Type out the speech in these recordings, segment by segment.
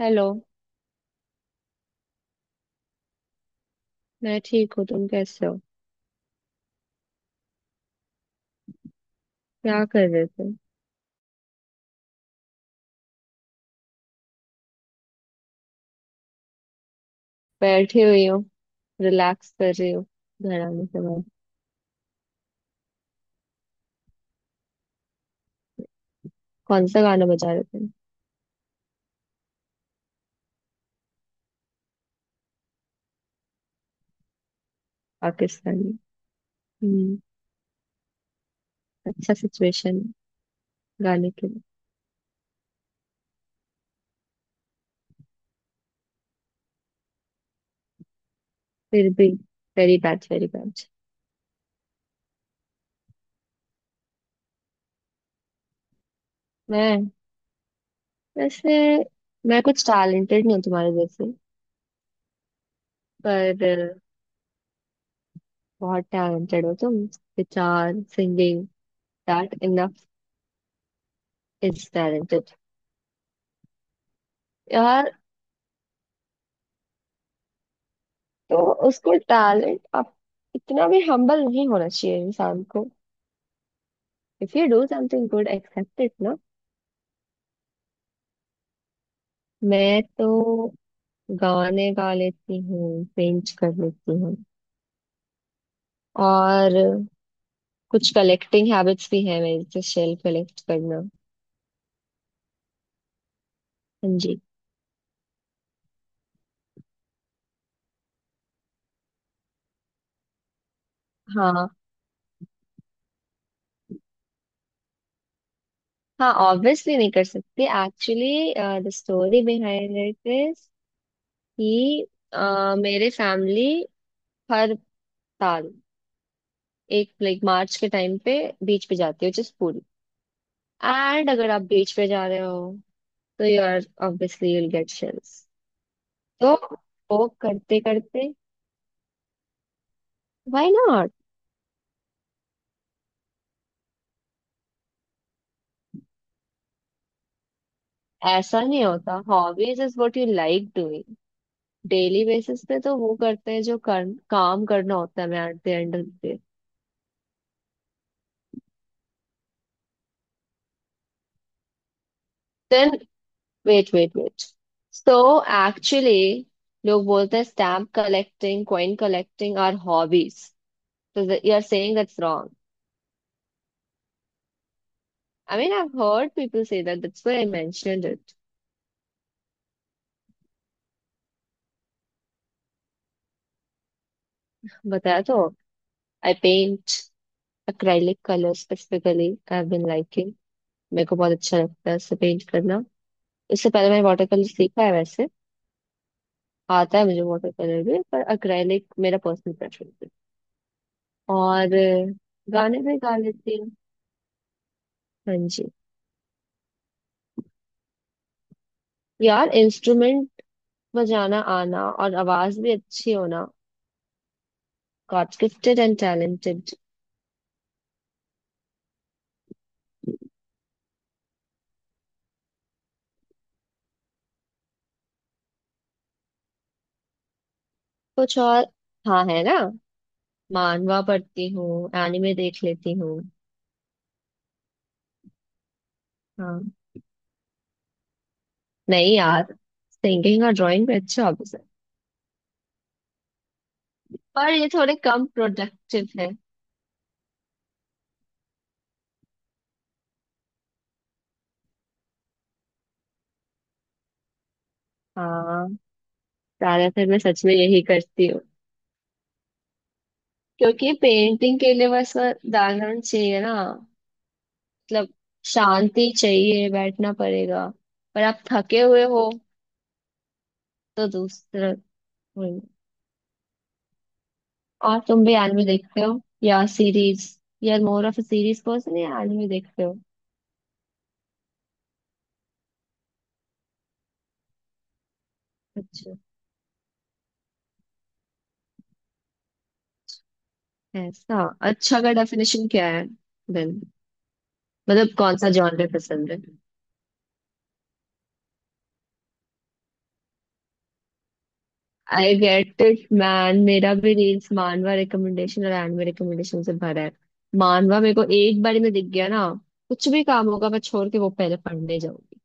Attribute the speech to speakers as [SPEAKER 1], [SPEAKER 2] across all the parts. [SPEAKER 1] Hello. मैं ठीक हूँ, तुम कैसे हो? क्या कर रहे थे? बैठी हुई हूँ। रिलैक्स कर रही हूँ घर आने के बाद। कौन सा गाना बजा रहे थे? पाकिस्तानी? हम्म। अच्छा, सिचुएशन गाने के लिए? फिर भी वेरी बैड वेरी बैड। मैं, वैसे, मैं कुछ टैलेंटेड नहीं हूँ तुम्हारे जैसे। पर अ, बहुत टैलेंटेड हो तुम, guitar singing, that enough is talented यार। तो उसको टैलेंट आप, इतना भी हम्बल नहीं होना चाहिए इंसान को। If you do something good accept it ना। मैं तो गाने गा लेती हूँ, पेंट कर लेती हूँ। और कुछ कलेक्टिंग हैबिट्स भी है मेरी, जैसे शेल कलेक्ट करना। हाँ जी। हाँ, हाँ ऑब्वियसली नहीं कर सकती, actually the story behind it is कि मेरे फैमिली हर साल एक लाइक मार्च के टाइम पे बीच पे जाती है, विच इज पुरी। एंड अगर आप बीच पे जा रहे हो तो you are obviously will get shills. तो वो करते करते, व्हाई नॉट? ऐसा नहीं होता, hobbies is what you like doing. Daily basis पे तो वो करते हैं जो काम करना होता है। मैं at the end of the, then, wait wait wait. So actually लोग बोलते हैं stamp collecting coin collecting are hobbies, तो you are saying that's wrong? I mean I have heard people say that, that's why I mentioned it. बताया तो। I paint. Acrylic colour specifically I have been liking. मेरे को बहुत अच्छा लगता है इससे पेंट करना। इससे पहले मैंने वाटर कलर सीखा है वैसे। आता है मुझे वाटर कलर भी, पर एक्रेलिक मेरा पर्सनल प्रेफरेंस है। और गाने भी गा लेती हूँ। हाँ जी। यार इंस्ट्रूमेंट बजाना आना और आवाज भी अच्छी होना गॉड गिफ्टेड एंड टैलेंटेड। कुछ और? हाँ है ना, मानवा पढ़ती हूँ, एनिमे देख लेती हूँ। हाँ। नहीं यार, सिंगिंग और ड्राइंग पे अच्छा हॉबी। पर ये थोड़े कम प्रोडक्टिव है। हाँ, ज्यादातर मैं सच में यही करती हूँ। क्योंकि पेंटिंग के लिए बस बैकग्राउंड चाहिए ना, मतलब शांति चाहिए, बैठना पड़ेगा। पर आप थके हुए हो, तो दूसरा वही। और तुम भी एनिमे देखते हो या सीरीज, यार मोर ऑफ सीरीज पर्सन या एनिमे देखते हो? अच्छा, ऐसा अच्छा का डेफिनेशन क्या है? देन, मतलब कौन सा जॉनर पसंद है? आई गेट इट मैन, मेरा भी रील्स मानवा रिकमेंडेशन और एनिमे रिकमेंडेशन से भरा है। मानवा मेरे को एक बार में दिख गया ना, कुछ भी काम होगा मैं छोड़ के वो पहले पढ़ने जाऊंगी।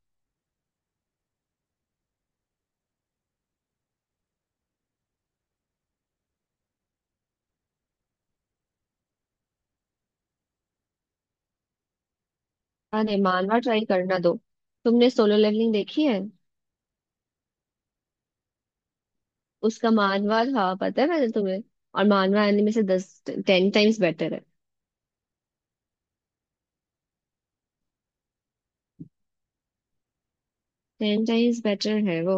[SPEAKER 1] अरे मानवा ट्राई करना दो। तुमने सोलो लेवलिंग देखी है? उसका मानवा था, पता है, मैंने तुम्हें। और मानवा एनिमे से दस 10 टाइम्स बेटर है। 10 टाइम्स बेटर है वो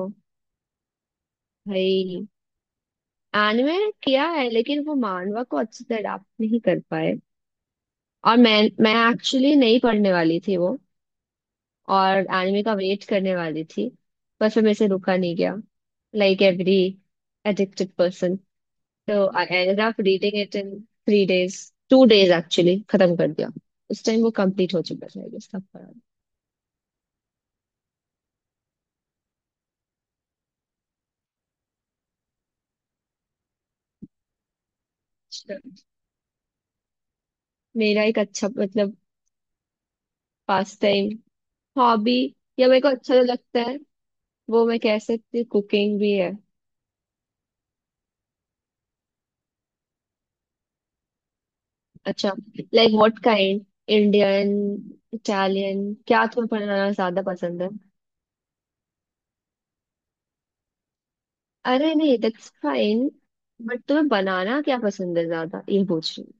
[SPEAKER 1] भाई। एनिमे किया है लेकिन वो मानवा को अच्छे से अडाप्ट नहीं कर पाए। और मैं एक्चुअली नहीं पढ़ने वाली थी वो, और एनिमे का वेट करने वाली थी। पर फिर मेरे से रुका नहीं गया, लाइक एवरी एडिक्टेड पर्सन। तो I ended up reading it in 3 days, 2 days actually, खत्म कर दिया। उस टाइम वो कंप्लीट हो चुका था आई गेस, तब पढ़ा। अच्छा। मेरा एक अच्छा, मतलब, पास टाइम हॉबी या मेरे को अच्छा जो लगता है वो मैं कह सकती हूँ, कुकिंग भी है। अच्छा, like what kind, Indian, Italian, क्या तुम्हें बनाना ज्यादा पसंद है? अरे नहीं दैट्स फाइन, बट तुम्हें बनाना क्या पसंद है ज्यादा, ये पूछ रही हूँ।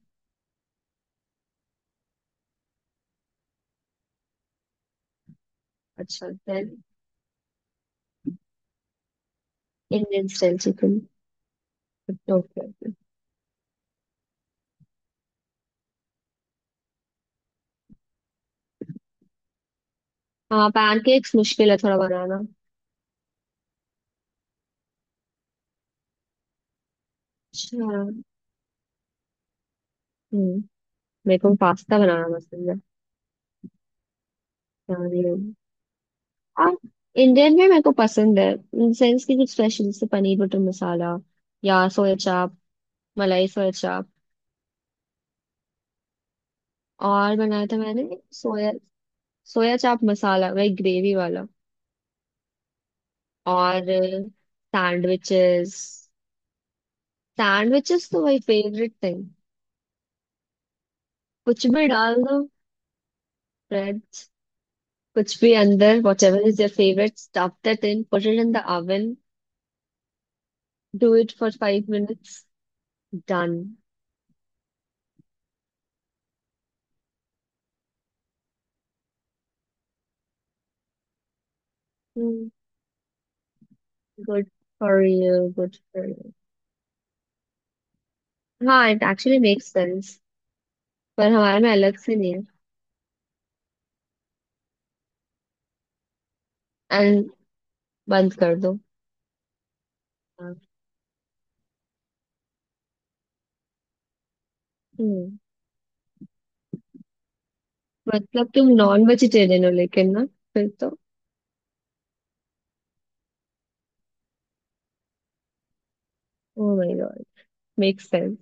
[SPEAKER 1] अच्छा then, Indian style chicken? Okay okay. हाँ पैनकेक्स मुश्किल है थोड़ा बनाना। अच्छा, हम्म। मेरे को पास्ता बनाना पसंद है, चाउमीन। हाँ, इंडियन में मेरे को पसंद है, इन सेंस की कुछ स्पेशल जैसे पनीर बटर मसाला या सोया चाप, मलाई सोया चाप। और बनाया था मैंने सोया, सोया चाप मसाला वही ग्रेवी वाला। और सैंडविचेस, सैंडविचेस तो माय फेवरेट थिंग। कुछ भी डाल दो, ब्रेड, कुछ भी अंदर, whatever is your favourite stuff that in put it in the oven, do it for 5 minutes, done. Good for you, good for you. हाँ इट एक्चुअली मेक्स सेंस, पर हमारे में अलग से नहीं है। एंड बंद कर दो। हम्म। मतलब तुम नॉन वेजिटेरियन हो लेकिन ना, फिर तो। Oh my God, make sense.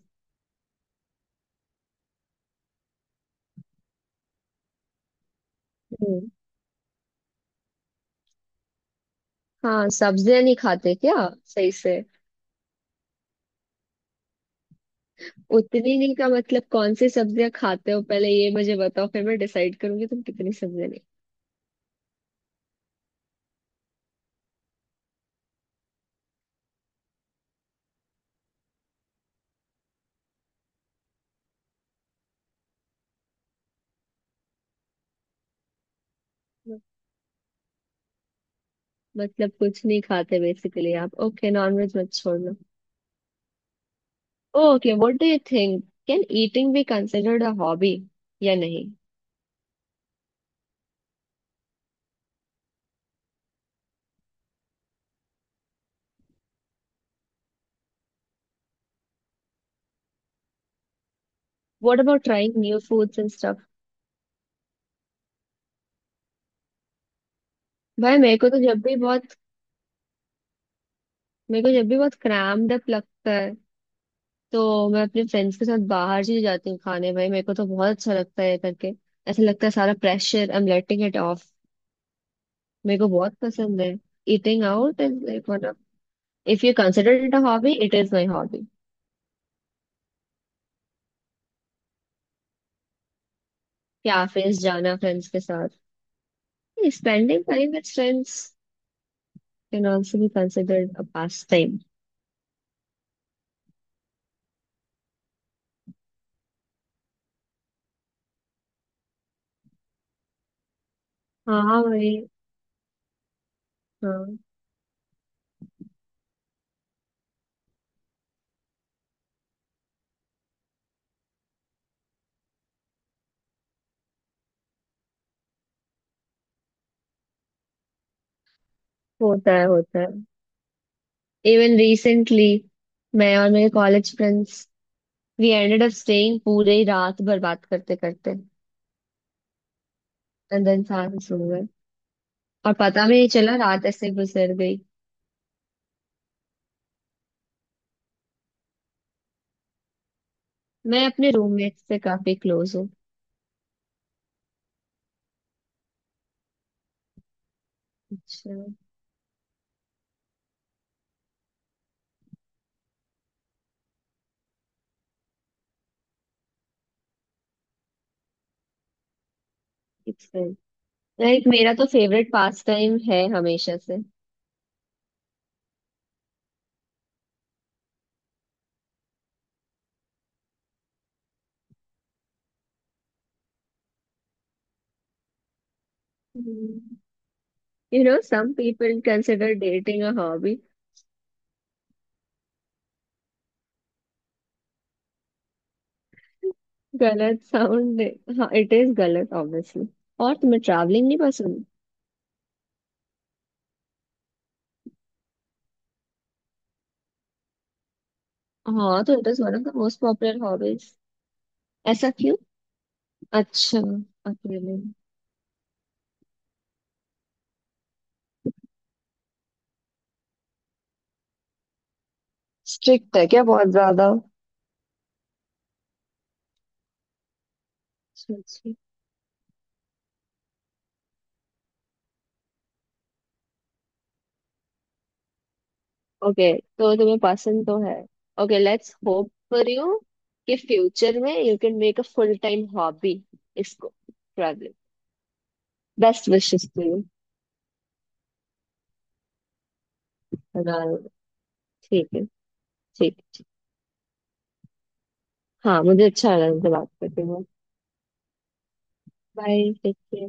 [SPEAKER 1] हम्म। हाँ सब्जियां नहीं खाते क्या, सही से? उतनी नहीं का मतलब कौन सी सब्जियां खाते हो? पहले ये मुझे बताओ, फिर मैं डिसाइड करूंगी तुम कितनी सब्जियां नहीं खाते। मतलब कुछ नहीं खाते बेसिकली आप, ओके, नॉनवेज मत छोड़ लो। Okay, what do you think, can eating be considered a hobby या नहीं? What about trying new foods and stuff? भाई मेरे को तो जब भी बहुत, मेरे को जब भी बहुत क्रैम्ड अप लगता है तो मैं अपने फ्रेंड्स के साथ बाहर चली जाती हूँ खाने। भाई मेरे को तो बहुत अच्छा लगता है ये करके, ऐसा लगता है सारा pressure I am letting it off. मेरे को बहुत पसंद है। Eating out is like one of, if you consider it a hobby it is my hobby. Cafes जाना फ्रेंड्स के साथ, spending time with friends, can also be considered a pastime. हाँ भाई। हाँ, होता है, होता है। इवन रिसेंटली मैं और मेरे college friends, we ended up staying पूरे ही रात भर बात करते करते, एंड देन सारे सो गए, और पता भी नहीं चला रात ऐसे गुजर गई। मैं अपने रूममेट से काफी क्लोज हूँ। अच्छा, लाइक मेरा तो फेवरेट पास टाइम है हमेशा से। You know some people consider dating a hobby. गलत साउंड? हाँ इट इज गलत ऑब्वियसली। और तुम्हें ट्रैवलिंग नहीं पसंद? हाँ तो it is one of the most popular hobbies. ऐसा क्यों? अच्छा। अकेले? स्ट्रिक्ट है क्या बहुत ज्यादा? अच्छा, ओके तो तुम्हें पसंद तो है, okay let's hope for you कि फ्यूचर में you can make a full time hobby इसको, travelling. Best wishes to you. Right. ठीक है। ठीक है। हाँ मुझे अच्छा लगा इनसे बात करके। Bye, take care.